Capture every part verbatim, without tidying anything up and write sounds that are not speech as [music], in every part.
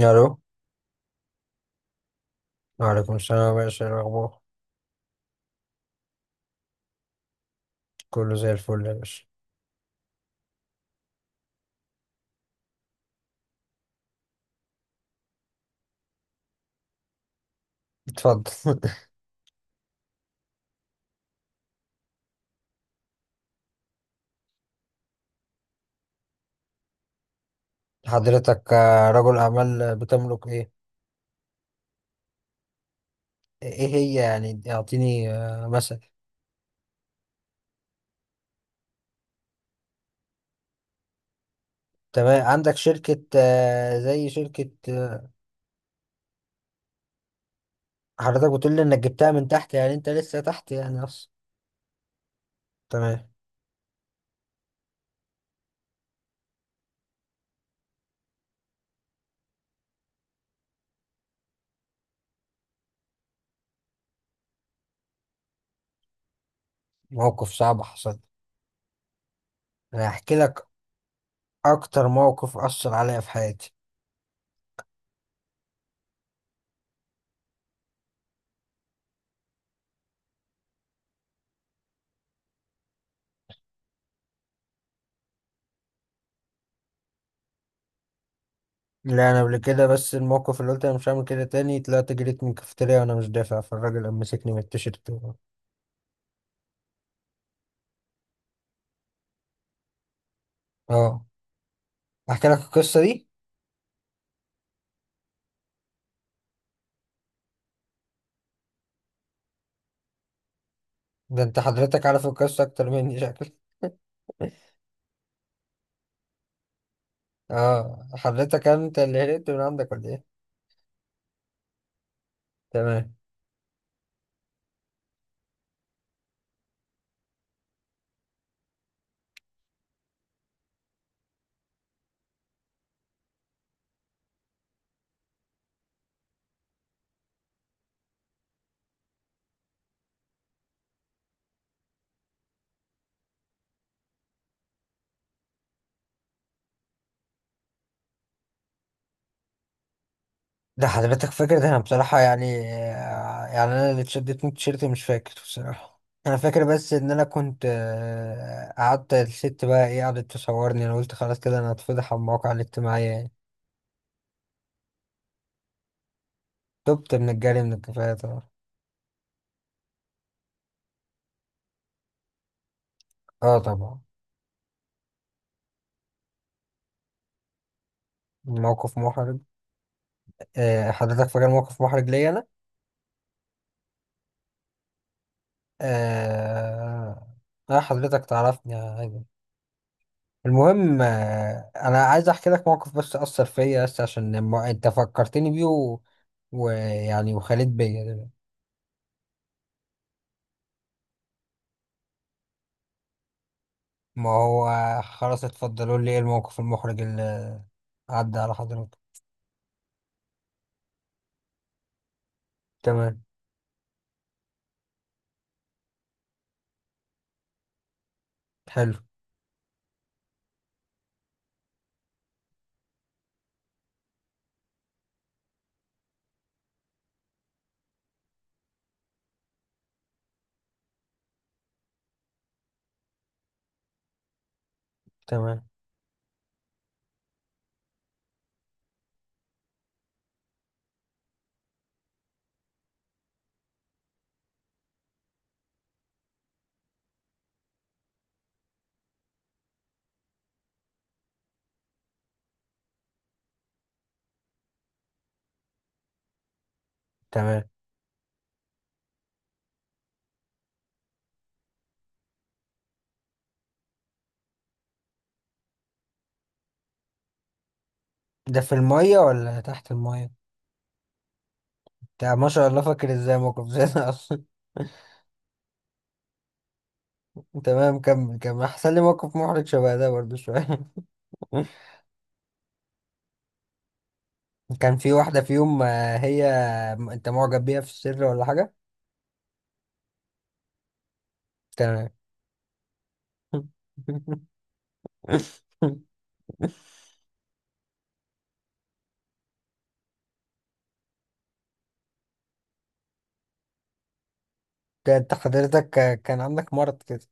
الو. وعليكم السلام يا باشا، إيه الاخبار؟ كله زي الفل يا باشا. اتفضل. [laughs] حضرتك آه، رجل اعمال، بتملك ايه؟ ايه هي يعني، اعطيني آه، مثلا. تمام، عندك شركة آه، زي شركة آه، حضرتك بتقول لي انك جبتها من تحت، يعني انت لسه تحت يعني اصلا؟ تمام. موقف صعب حصل؟ انا هحكي لك اكتر موقف اثر عليا في حياتي. لا، انا قبل كده، بس الموقف اللي قلت انا مش هعمل كده تاني، طلعت جريت من الكافيتيريا وانا مش دافع، فالراجل قام مسكني من التيشيرت و- اه، احكي لك القصه دي. ده انت حضرتك عارف القصه اكتر مني شكلك. [laughs] اه، حضرتك انت اللي هربت من عندك ولا ايه؟ تمام. ده حضرتك فاكر؟ ده انا بصراحه يعني آه، يعني انا اللي اتشدت من التيشيرت مش فاكر بصراحه. انا فاكر بس ان انا كنت آه، قعدت الست بقى ايه قعدت تصورني، انا قلت خلاص كده انا هتفضح على المواقع الاجتماعيه يعني. تبت من الجري من الكفايه طبعا. اه طبعا. موقف محرج؟ آه، حضرتك فاكر موقف محرج ليا انا؟ آه، اه حضرتك تعرفني عادي. المهم آه، انا عايز احكي لك موقف بس اثر فيا، بس عشان الم- انت فكرتني بيه و- ويعني، وخليت بيا دلوقتي. ما هو خلاص، اتفضلوا لي. ايه الموقف المحرج اللي عدى على حضرتك؟ تمام. حلو. تمام، تمام. ده في المية ولا تحت المية؟ انت ما شاء الله فاكر ازاي موقف زي ده اصلا؟ [laughs] تمام، كمل كمل احسن لي موقف محرج شبه ده برضه شوية. [laughs] كان في واحدة في يوم آه، هي آه، انت معجب بيها في السر ولا حاجة؟ تمام. ده انت حضرتك كان عندك مرض كده؟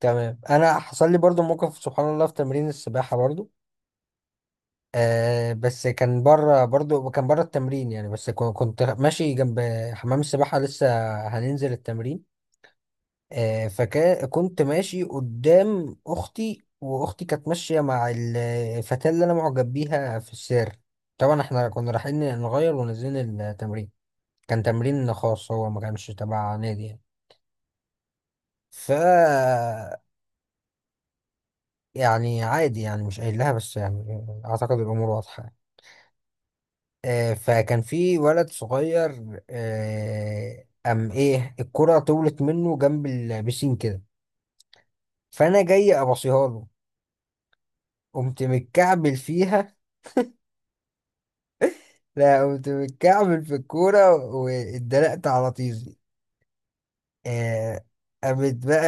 تمام. انا حصل لي برضو موقف سبحان الله في تمرين السباحه برضو. آه بس كان بره برضو، كان بره التمرين يعني، بس كو- كنت ماشي جنب حمام السباحه، لسه هننزل التمرين. آه فكنت ماشي قدام اختي، واختي كانت ماشيه مع الفتاه اللي انا معجب بيها في السير. طبعا احنا كنا رايحين نغير ونزلنا التمرين. كان تمرين خاص، هو ما كانش تبع نادي يعني. ف يعني عادي يعني، مش قايل لها بس يعني اعتقد الامور واضحه. آه، فكان في ولد صغير آه، قام ايه الكرة طولت منه جنب البسين كده. فانا جاي ابصيها له، قمت متكعبل فيها. لا، قمت متكعبل في الكورة واتدلقت على طيزي. آه، قامت بقى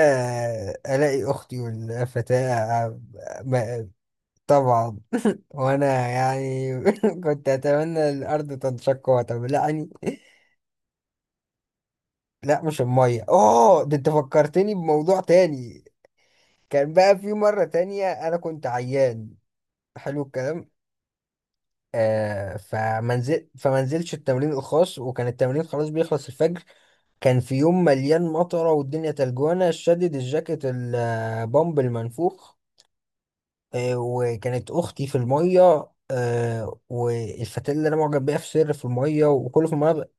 الاقي اختي والفتاة عم- ما- طبعا، وانا يعني [laughs] كنت اتمنى الارض تنشق وتبلعني. لا مش الميه، اوه ده انت فكرتني بموضوع تاني. كان بقى في مره تانية انا كنت عيان. حلو الكلام. آه فمنزل، فمنزلش التمرين الخاص، وكان التمرين خلاص بيخلص الفجر. كان في يوم مليان مطره والدنيا تلجوانه، شدد الجاكيت البامب المنفوخ. آه، وكانت اختي في الميه، آه والفتاة اللي انا معجب بيها في سر في الميه، وكله في الميه.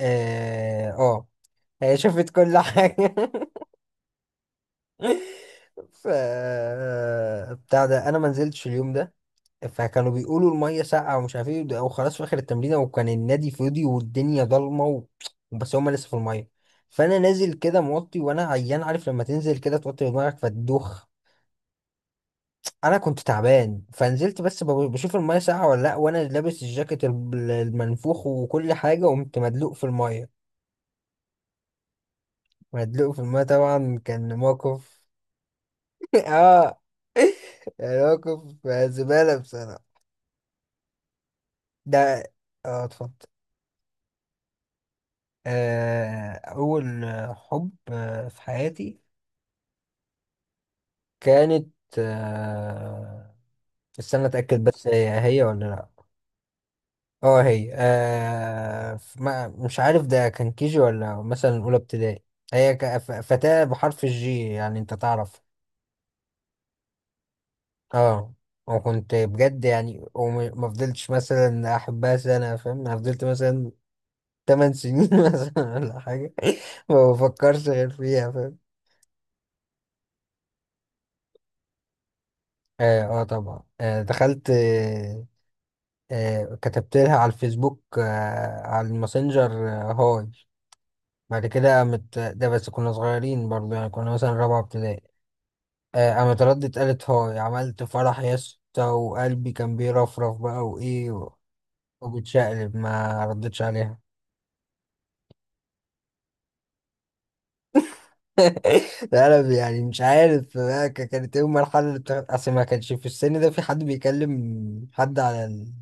اه آه. هي شافت كل حاجة. [laughs] ف بتاع ده، انا ما نزلتش اليوم ده. فكانوا بيقولوا المية ساقعة ومش عارف ايه ده- وخلاص في اخر التمرين وكان النادي فاضي والدنيا ضلمة و... بس هما لسه في المية. فانا نازل كده موطي، وانا عيان عارف لما تنزل كده توطي دماغك فتدوخ. انا كنت تعبان، فنزلت بس ب- بشوف المية ساقعة ولا لا، وانا لابس الجاكيت ال- المنفوخ وكل حاجة، قمت مدلوق في المية. مدلوق في المية طبعا، كان موقف. [laughs] اه، يعني موقف زبالة بصراحة. ده اه، اتفضل. آه، أول حب آه، في حياتي، كانت آه، استنى أتأكد، بس هي هي ولا لأ. اه هي آه، ف- ما مش عارف، ده كان كيجي ولا مثلا أولى ابتدائي. هي ك- ف- فتاة بحرف الجي يعني، أنت تعرف. اه، وكنت بجد يعني وما ما فضلتش مثلا أحبها سنة فاهم، أنا فضلت مثلا تمن سنين [laughs] مثلا ولا حاجة. ما بفكرش غير فيها فاهم. اه آه طبعا، آه دخلت آه، آه كتبت لها على الفيسبوك، آه على الماسنجر، آه هاي. بعد كده قامت، ده بس كنا صغيرين برضه يعني، كنا مثلا رابعة ابتدائي. آه، قامت ردت قالت هاي، عملت فرح يا اسطى، وقلبي كان بيرفرف بقى وإيه. وبتشقلب ما ردتش عليها. لا انا يعني مش عارف بقى ك- كانت ايه المرحله اللي بتاعت، اصل ما كانش في السن ده في حد بيكلم حد على ال...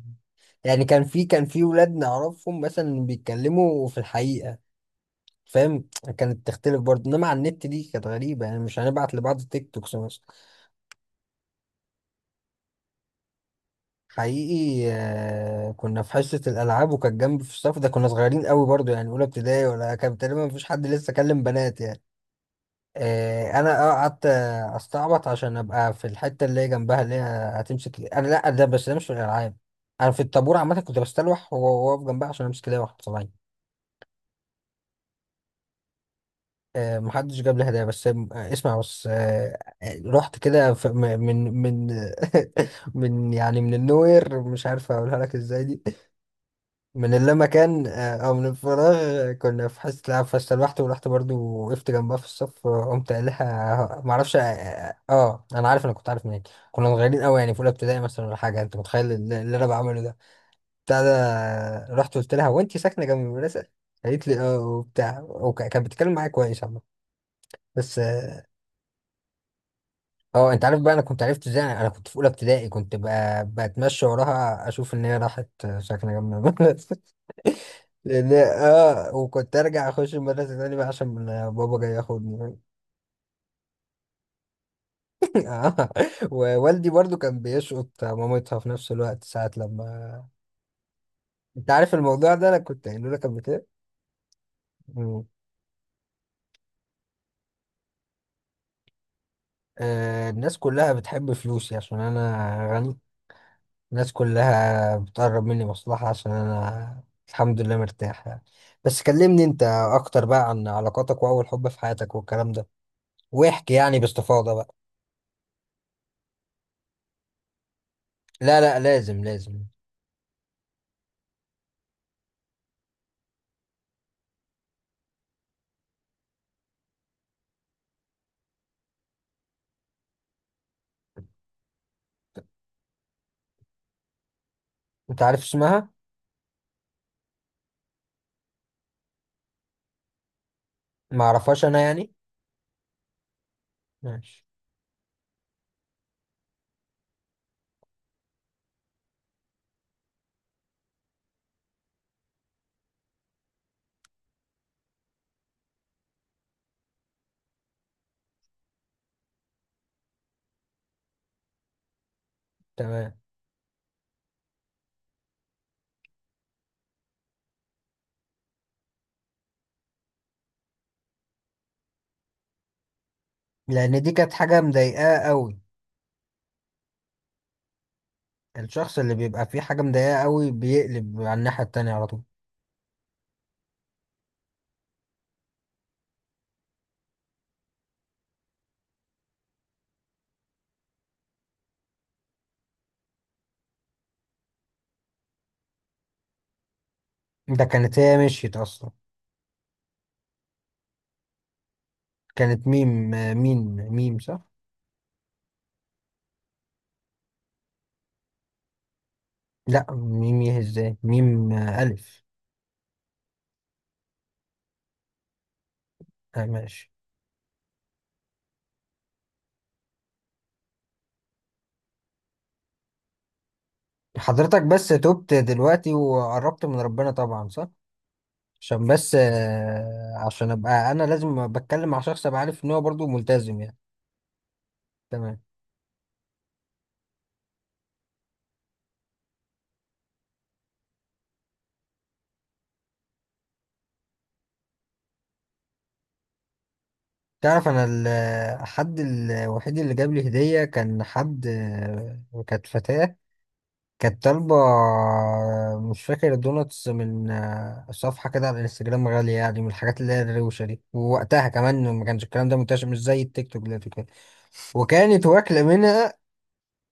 يعني كان في كان في ولاد نعرفهم مثلا بيتكلموا في الحقيقه، فاهم. كانت تختلف برضه، انما على النت دي كانت غريبه يعني، مش هنبعت لبعض تيك توكس مثلا. حقيقي آه، كنا في حصه الالعاب، وكانت جنبي في الصف، ده كنا صغيرين قوي برضه يعني اولى ابتدائي ولا، كان تقريبا مفيش حد لسه كلم بنات يعني. إيه، انا اه قعدت استعبط عشان ابقى في الحته اللي هي جنبها، اللي هي هتمسك انا، لا، ده بس ده مش في الالعاب. انا في الطابور عامه كنت بستلوح وهو واقف جنبها عشان امسك ايديها واحد صباعي. آه، محدش جاب لي هدايا، بس آه، اسمع، بس آه، آه، رحت كده في- م- من من [laughs] من يعني من النوير، مش عارف اقولها لك ازاي دي، من اللامكان آه، او من الفراغ. آه، كنا في حصه العاب، فاستلوحت ورحت برضو وقفت جنبها في الصف، آه، قمت قايل لها ما اعرفش اه، آه، آه، آه، انا عارف، انا كنت عارف منين. كنا صغيرين قوي يعني في اولى ابتدائي مثلا ولا حاجه، انت متخيل اللي اللي انا بعمله ده؟ بتاع ده آه، رحت قلت لها، هو انت ساكنه جنب المدرسه؟ قالت لي اه وبتاع، وكانت بتتكلم معايا كويس عامه. بس آه، اه، انت عارف بقى انا كنت عرفت ازاي؟ انا كنت في اولى ابتدائي، كنت بقى بتمشى وراها اشوف ان هي راحت ساكنه جنب المدرسه. [laughs] لان اه، وكنت ارجع اخش المدرسه تاني بقى عشان بابا جاي ياخدني. [laughs] اه، ووالدي برضو كان بيشقط مامتها في نفس الوقت ساعه لما. انت عارف الموضوع ده، انا كنت قايله لك قبل كده. مم. آه، الناس كلها بتحب فلوسي عشان انا غني. الناس كلها بتقرب مني مصلحة عشان أنا الحمد لله مرتاح يعني. بس كلمني أنت أكتر بقى عن علاقاتك وأول حب في حياتك والكلام ده، واحكي يعني باستفاضة بقى. لا لا، لازم لازم. أنت عارف اسمها؟ معرفهاش أنا يعني. ماشي. تمام. لأن دي كانت حاجة مضايقاه أوي. الشخص اللي بيبقى فيه حاجة مضايقاه أوي بيقلب على الناحية التانية على طول. ده كانت هي مشيت أصلا. كانت ميم، ميم ميم صح؟ لا، ميم ايه ازاي؟ ميم ألف. آه ماشي. حضرتك بس تبت دلوقتي وقربت من ربنا طبعا صح؟ عشان بس آه، عشان ابقى انا لازم بتكلم مع شخص ابقى عارف ان هو برضه ملتزم يعني. تمام. تعرف انا ال- الحد الوحيد اللي جاب لي هدية كان حد، آه، كانت فتاة. كانت طالبة آه، مش فاكر دوناتس من آه، صفحة كده على الانستجرام غالية يعني، من الحاجات اللي هي الروشة دي، ووقتها كمان ما كانش الكلام ده منتشر، مش زي التيك توك دلوقتي وكده. وكانت واكلة منها.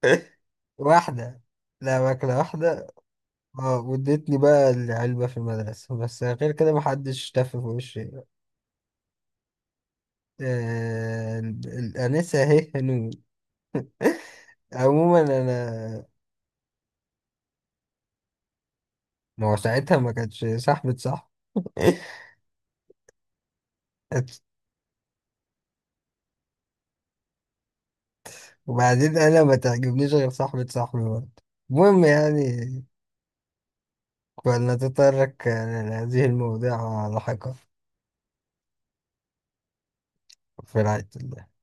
ايه؟ واحدة. لا، ماكلة واحدة. اه، وادتني بقى العلبة في المدرسة، بس غير كده محدش تف في وشي. آه ال- الأنسة اهي هنود. عموما أنا. ما هو ساعتها ما كانتش صاحبة صاحب. [laughs] وبعدين أنا ما تعجبنيش غير صاحبة صاحبي برضه. المهم يعني، فلنتطرق لهذه المواضيع لاحقا. في رعاية الله.